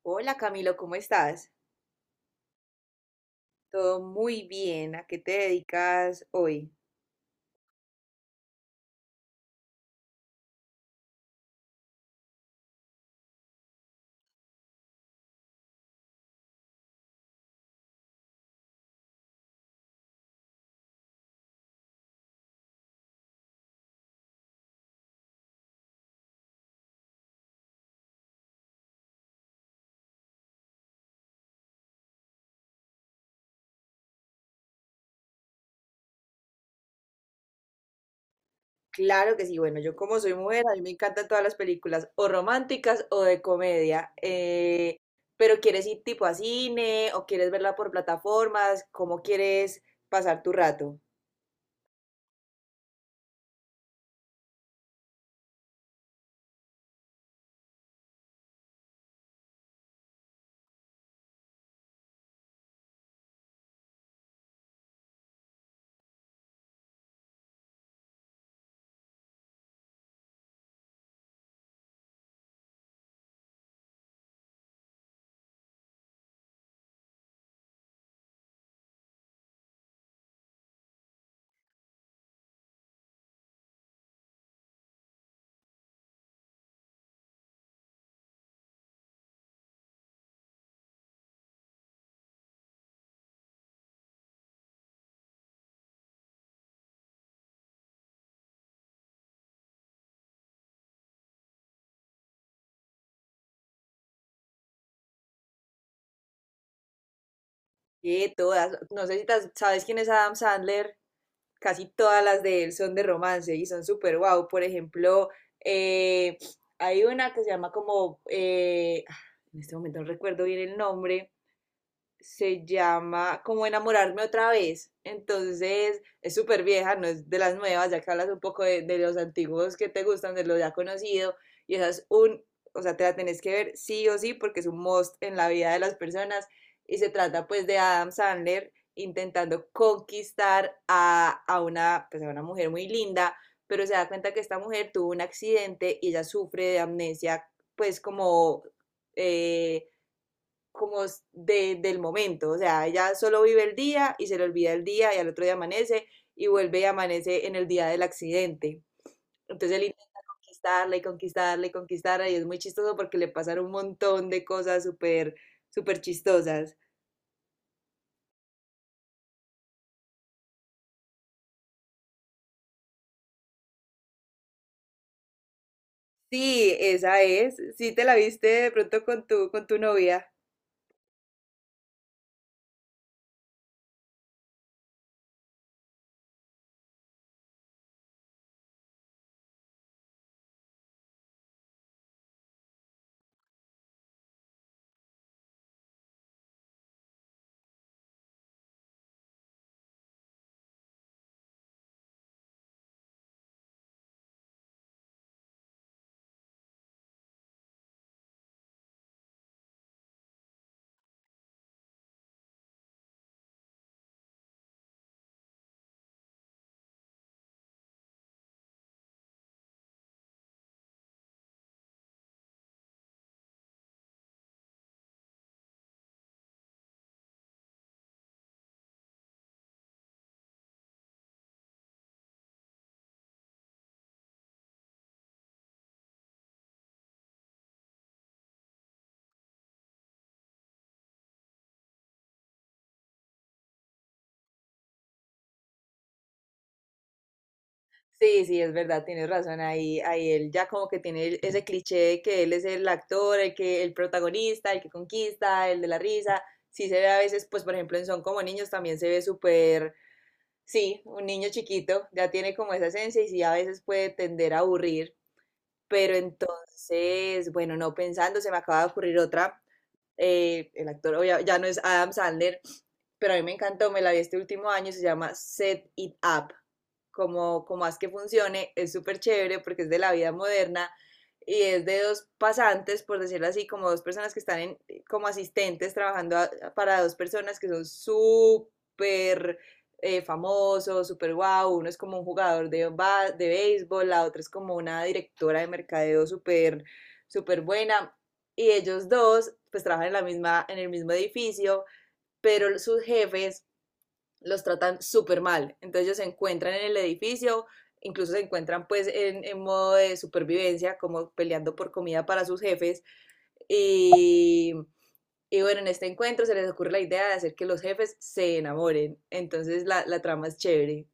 Hola Camilo, ¿cómo estás? Todo muy bien. ¿A qué te dedicas hoy? Claro que sí. Bueno, yo como soy mujer, a mí me encantan todas las películas, o románticas o de comedia. Pero ¿quieres ir tipo a cine o quieres verla por plataformas? ¿Cómo quieres pasar tu rato? Todas. No sé si sabes quién es Adam Sandler. Casi todas las de él son de romance y son súper guau. Por ejemplo, eh, hay una que se llama como, en este momento no recuerdo bien el nombre, se llama como enamorarme otra vez. Entonces es súper vieja, no es de las nuevas, ya que hablas un poco de los antiguos que te gustan, de lo ya conocido. Y esa es un, o sea, te la tenés que ver sí o sí porque es un must en la vida de las personas. Y se trata pues de Adam Sandler intentando conquistar a una, pues, a una mujer muy linda, pero se da cuenta que esta mujer tuvo un accidente y ella sufre de amnesia, pues como... eh, como del momento, o sea, ella solo vive el día y se le olvida el día y al otro día amanece y vuelve y amanece en el día del accidente. Entonces él intenta conquistarla y conquistarla y conquistarla y es muy chistoso porque le pasan un montón de cosas súper, súper chistosas. Sí, esa es. Sí, te la viste de pronto con tu novia. Sí, sí, es verdad, tienes razón. Ahí, ahí él ya como que tiene ese cliché de que él es el actor, el que, el protagonista, el que conquista, el de la risa. Sí se ve a veces, pues por ejemplo en Son como niños también se ve súper, sí, un niño chiquito, ya tiene como esa esencia y sí a veces puede tender a aburrir. Pero entonces, bueno, no pensando, se me acaba de ocurrir otra. El actor ya no es Adam Sandler, pero a mí me encantó, me la vi este último año, se llama Set It Up, como, como haz que funcione, es súper chévere porque es de la vida moderna y es de dos pasantes, por decirlo así, como dos personas que están en, como asistentes trabajando para dos personas que son súper famosos, súper guau, wow. Uno es como un jugador de, de béisbol, la otra es como una directora de mercadeo súper, súper buena y ellos dos pues trabajan en la misma, en el mismo edificio, pero sus jefes los tratan súper mal. Entonces ellos se encuentran en el edificio, incluso se encuentran pues en, modo de supervivencia, como peleando por comida para sus jefes. Y, y, bueno, en este encuentro se les ocurre la idea de hacer que los jefes se enamoren. Entonces la trama es chévere.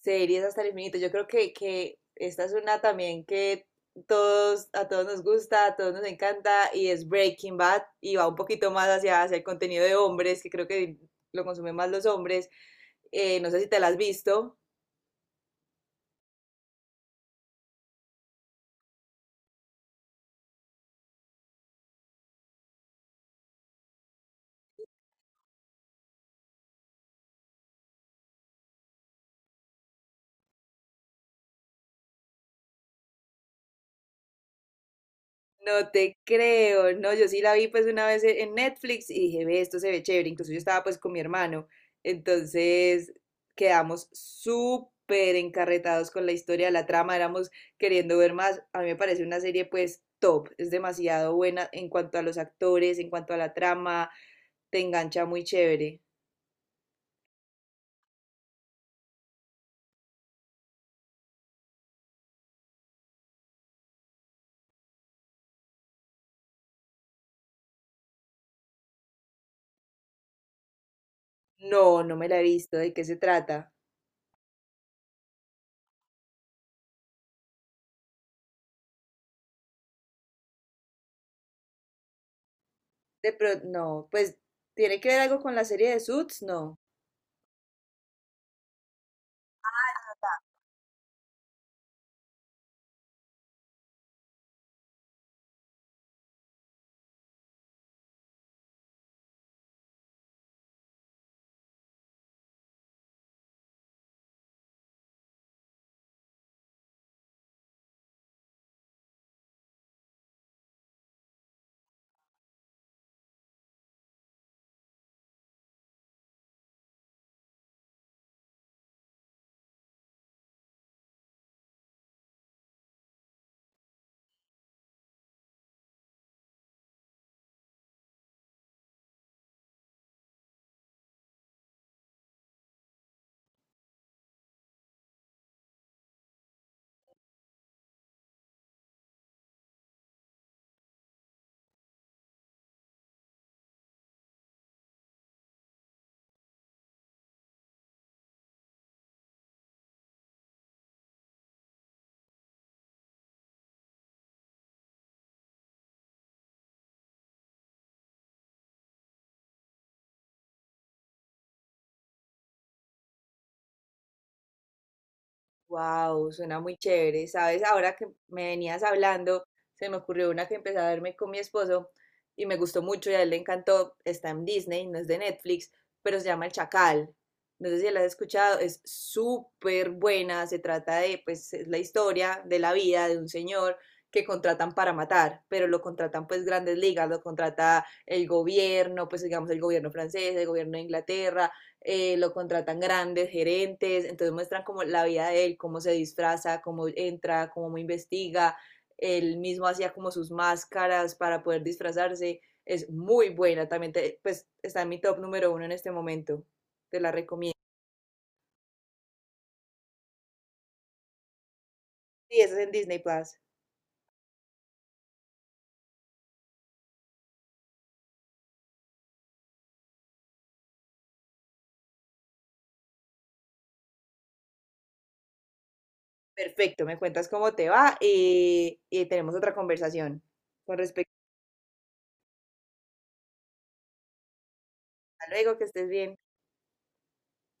Series hasta el infinito. Yo creo que esta es una también que todos, a todos nos gusta, a todos nos encanta y es Breaking Bad y va un poquito más hacia, hacia el contenido de hombres, que creo que lo consumen más los hombres. No sé si te la has visto. No te creo, no, yo sí la vi pues una vez en Netflix y dije, ve, esto se ve chévere, incluso yo estaba pues con mi hermano, entonces quedamos súper encarretados con la historia, la trama, éramos queriendo ver más, a mí me parece una serie pues top, es demasiado buena en cuanto a los actores, en cuanto a la trama, te engancha muy chévere. No, no me la he visto, ¿de qué se trata? No, pues tiene que ver algo con la serie de Suits, no. Wow, suena muy chévere. Sabes, ahora que me venías hablando, se me ocurrió una que empecé a verme con mi esposo y me gustó mucho y a él le encantó. Está en Disney, no es de Netflix, pero se llama El Chacal. No sé si la has escuchado, es súper buena. Se trata de, pues, es la historia de la vida de un señor que contratan para matar, pero lo contratan pues grandes ligas, lo contrata el gobierno, pues digamos el gobierno francés, el gobierno de Inglaterra, lo contratan grandes gerentes, entonces muestran como la vida de él, cómo se disfraza, cómo entra, cómo investiga, él mismo hacía como sus máscaras para poder disfrazarse, es muy buena, también pues está en mi top número uno en este momento, te la recomiendo. Sí, esa es en Disney Plus. Perfecto, me cuentas cómo te va y tenemos otra conversación con respecto a luego, que estés bien.